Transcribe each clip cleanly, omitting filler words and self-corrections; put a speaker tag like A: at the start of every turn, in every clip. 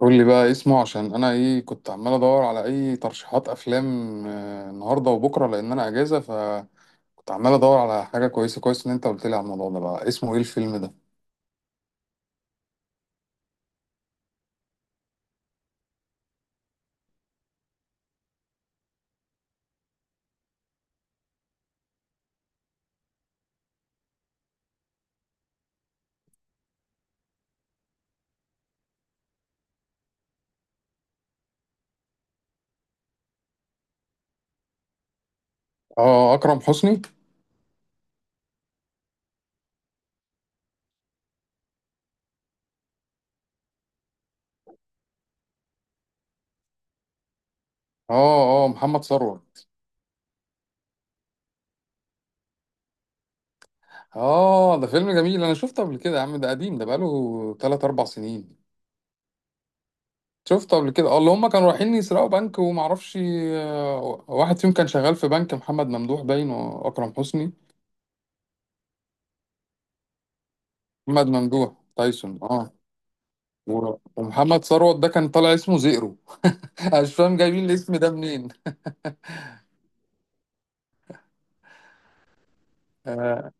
A: قول لي بقى اسمه، عشان انا ايه كنت عمال ادور على اي ترشيحات افلام. النهارده وبكره، لان انا اجازه، فكنت عمال ادور على حاجه كويسه. كويس ان انت قلت لي على الموضوع ده. بقى اسمه ايه الفيلم ده؟ اه، اكرم حسني. اه، اه، محمد ثروت. اه، ده فيلم جميل، انا شفته قبل كده. يا عم ده قديم، ده بقاله 3 4 سنين. شفته قبل كده. اه، اللي هم كانوا رايحين يسرقوا بنك ومعرفش، واحد فيهم كان شغال في بنك. محمد ممدوح باين، واكرم حسني. محمد ممدوح تايسون، اه. ومحمد ثروت ده كان طالع اسمه زئرو. انا مش فاهم جايبين الاسم ده منين. آه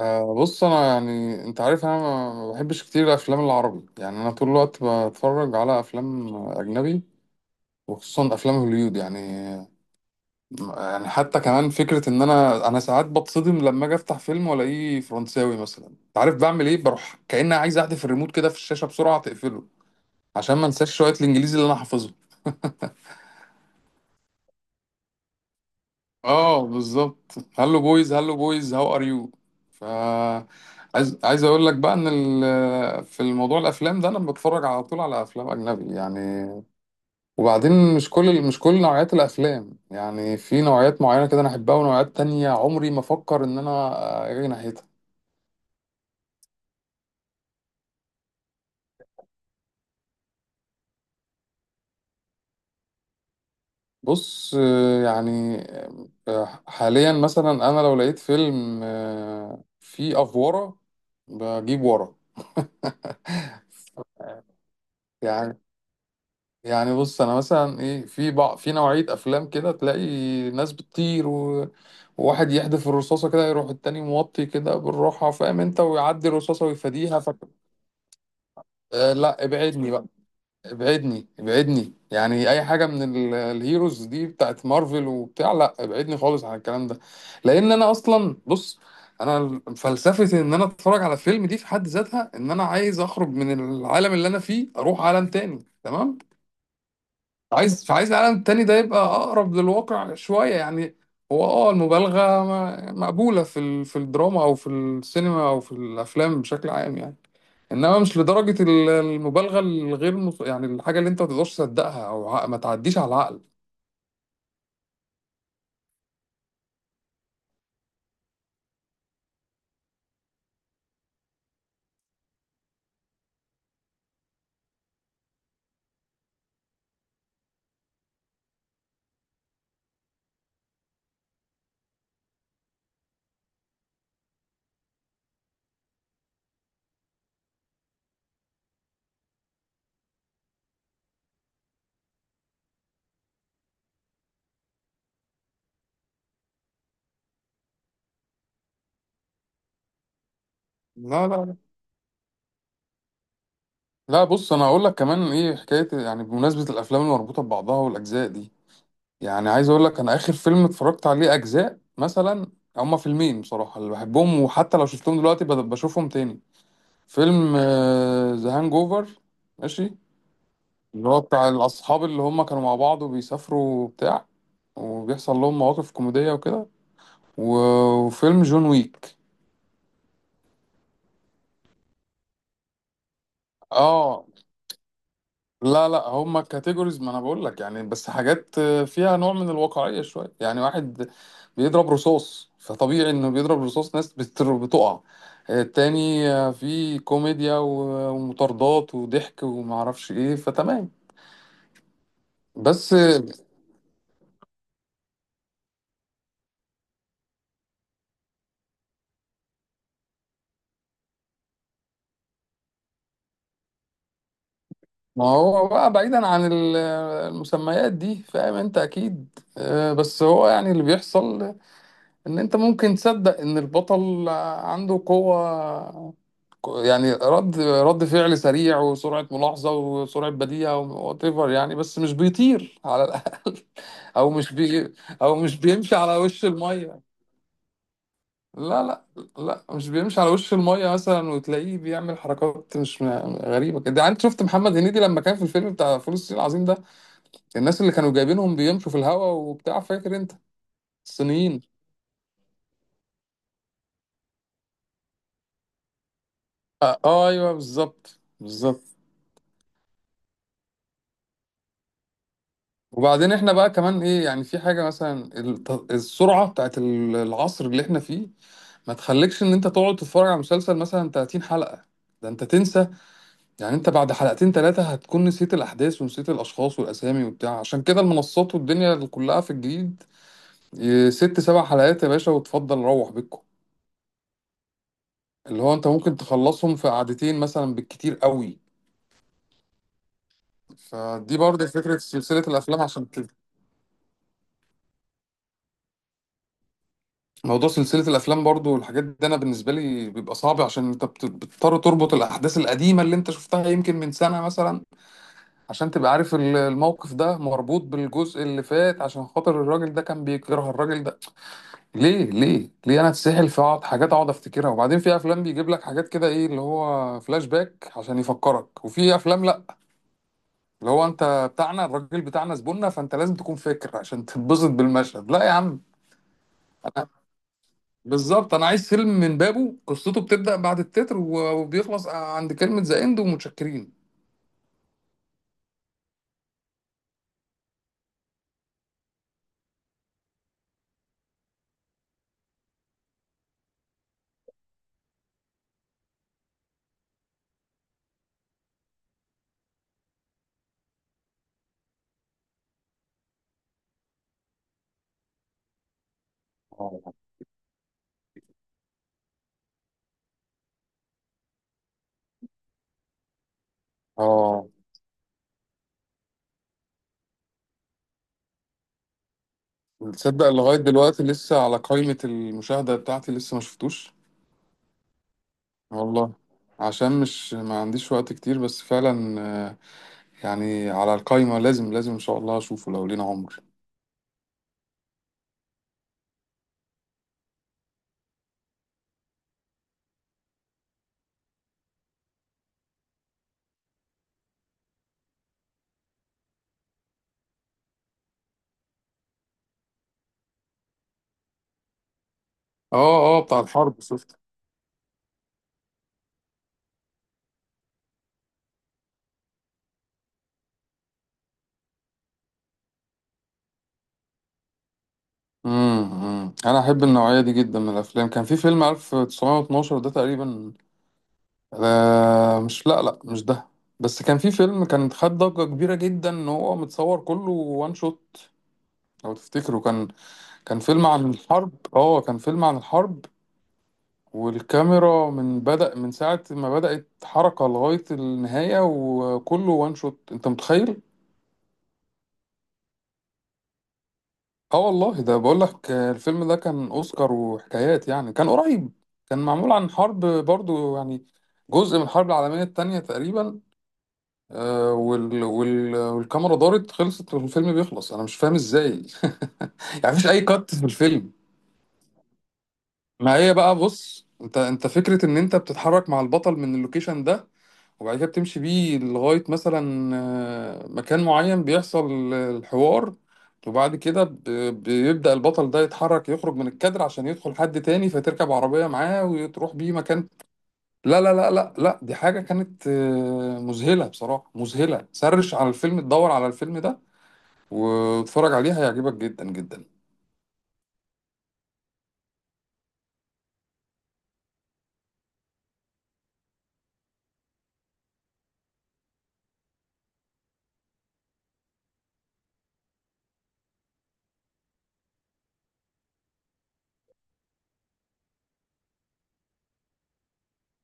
A: بص، انا يعني انت عارف انا ما بحبش كتير الافلام العربي، يعني انا طول الوقت بتفرج على افلام اجنبي، وخصوصا افلام هوليود يعني. يعني حتى كمان فكره ان انا ساعات بتصدم لما اجي افتح فيلم والاقيه فرنساوي مثلا. انت عارف بعمل ايه؟ بروح كأني عايز احذف الريموت كده في الشاشه بسرعه تقفله، عشان ما انساش شويه الانجليزي اللي انا حافظهم. اه بالظبط. هلو بويز، هلو بويز، هاو ار يو. ف عايز اقول لك بقى ان في الموضوع الافلام ده انا بتفرج على طول على افلام اجنبي يعني. وبعدين مش كل نوعيات الافلام، يعني في نوعيات معينه كده انا احبها، ونوعيات تانية عمري ما افكر ان انا اجي ناحيتها. بص، يعني حاليا مثلا انا لو لقيت فيلم فيه افوره بجيب ورا. يعني يعني بص انا مثلا ايه في في نوعيه افلام كده تلاقي ناس بتطير وواحد يحدف الرصاصه كده، يروح التاني موطي كده بالراحه، فاهم انت، ويعدي الرصاصه ويفاديها. آه لا، ابعدني بقى، ابعدني، ابعدني يعني. اي حاجه من الهيروز دي بتاعت مارفل وبتاع، لا ابعدني خالص عن الكلام ده. لان انا اصلا بص، انا فلسفه ان انا اتفرج على فيلم دي في حد ذاتها، ان انا عايز اخرج من العالم اللي انا فيه، اروح عالم تاني، تمام. فعايز العالم التاني ده يبقى اقرب للواقع شويه يعني. هو المبالغه مقبوله في في الدراما او في السينما او في الافلام بشكل عام يعني. انما مش لدرجه المبالغه الغير يعني الحاجه اللي انت ما تقدرش تصدقها، او ما تعديش على العقل. لا لا لا لا، بص انا هقول لك كمان ايه حكايه، يعني بمناسبه الافلام المربوطه ببعضها والاجزاء دي. يعني عايز اقول لك انا اخر فيلم اتفرجت عليه اجزاء مثلا، هما فيلمين بصراحه اللي بحبهم، وحتى لو شفتهم دلوقتي بشوفهم تاني. فيلم ذا هانج اوفر، ماشي، اللي هو بتاع الاصحاب اللي هم كانوا مع بعض وبيسافروا وبتاع، وبيحصل لهم مواقف كوميدية وكده. وفيلم جون ويك. اه، لا لا، هما كاتيجوريز، ما انا بقول لك يعني، بس حاجات فيها نوع من الواقعية شوية يعني. واحد بيضرب رصاص، فطبيعي انه بيضرب رصاص، ناس بتقع. التاني في كوميديا ومطاردات وضحك ومعرفش ايه، فتمام. بس ما هو بقى بعيدا عن المسميات دي، فاهم انت اكيد بس هو يعني اللي بيحصل ان انت ممكن تصدق ان البطل عنده قوة، يعني رد فعل سريع، وسرعة ملاحظة، وسرعة بديهة، وات ايفر يعني، بس مش بيطير على الاقل. او مش بي او مش بيمشي على وش المية. لا لا لا، مش بيمشي على وش المية مثلا، وتلاقيه بيعمل حركات مش م- غريبة كده يعني. انت شفت محمد هنيدي لما كان في الفيلم بتاع فول الصين العظيم ده، الناس اللي كانوا جايبينهم بيمشوا في الهوا وبتاع، فاكر انت الصينيين؟ اه، ايوه بالظبط، بالظبط. وبعدين احنا بقى كمان ايه، يعني في حاجه مثلا، السرعه بتاعت العصر اللي احنا فيه، ما تخليكش ان انت تقعد تتفرج على مسلسل مثلا 30 حلقه. ده انت تنسى، يعني انت بعد حلقتين ثلاثه هتكون نسيت الاحداث ونسيت الاشخاص والاسامي وبتاع. عشان كده المنصات والدنيا اللي كلها في الجديد، إيه، ست سبع حلقات يا باشا، وتفضل روح بيتكم، اللي هو انت ممكن تخلصهم في قعدتين مثلا بالكتير قوي. فدي برضه فكرة سلسلة الأفلام عشان كده. موضوع سلسلة الأفلام برضه والحاجات دي، أنا بالنسبة لي بيبقى صعب، عشان أنت بتضطر تربط الأحداث القديمة اللي أنت شفتها يمكن من سنة مثلا، عشان تبقى عارف الموقف ده مربوط بالجزء اللي فات، عشان خاطر الراجل ده كان بيكره الراجل ده ليه، ليه، ليه. أنا أتسحل في أقعد حاجات أقعد أفتكرها. وبعدين في أفلام بيجيب لك حاجات كده، إيه اللي هو فلاش باك، عشان يفكرك. وفي أفلام لأ، اللي هو أنت بتاعنا، الراجل بتاعنا، زبوننا، فأنت لازم تكون فاكر عشان تتبسط بالمشهد. لا يا عم، بالظبط، انا عايز فيلم من بابه قصته بتبدأ بعد التتر وبيخلص عند كلمة ذا اند ومتشكرين. اه، اه، تصدق لغاية دلوقتي لسه على قائمة المشاهدة بتاعتي، لسه ما شفتوش والله. عشان مش ما عنديش وقت كتير، بس فعلا آه، يعني على القائمة، لازم لازم ان شاء الله اشوفه لو لينا عمر. اه، اه، بتاع الحرب شفته. امم، أمم. انا احب النوعية دي جدا من الافلام. كان في فيلم 1912 ده تقريبا، مش، لا لا، مش ده. بس كان في فيلم كان خد ضجة كبيرة جدا، ان هو متصور كله وان شوت، لو تفتكروا، كان فيلم عن الحرب. اه، كان فيلم عن الحرب، والكاميرا من بدأ من ساعة ما بدأت حركة لغاية النهاية وكله وان شوت، انت متخيل؟ اه والله، ده بقول لك الفيلم ده كان اوسكار وحكايات يعني، كان قريب. كان معمول عن حرب برضو يعني، جزء من الحرب العالمية التانية تقريبا. والكاميرا دارت خلصت والفيلم بيخلص، انا مش فاهم ازاي. يعني مفيش اي كات في الفيلم. ما هي بقى بص، انت فكرة ان انت بتتحرك مع البطل من اللوكيشن ده، وبعد كده بتمشي بيه لغاية مثلا مكان معين بيحصل الحوار، وبعد كده بيبدأ البطل ده يتحرك، يخرج من الكادر عشان يدخل حد تاني، فتركب عربية معاه وتروح بيه مكان. لا لا لا لا لا، دي حاجة كانت مذهلة بصراحة، مذهلة. سرش على الفيلم، تدور على الفيلم ده، واتفرج عليه، هيعجبك جدا جدا.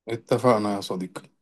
A: اتفقنا يا صديقي.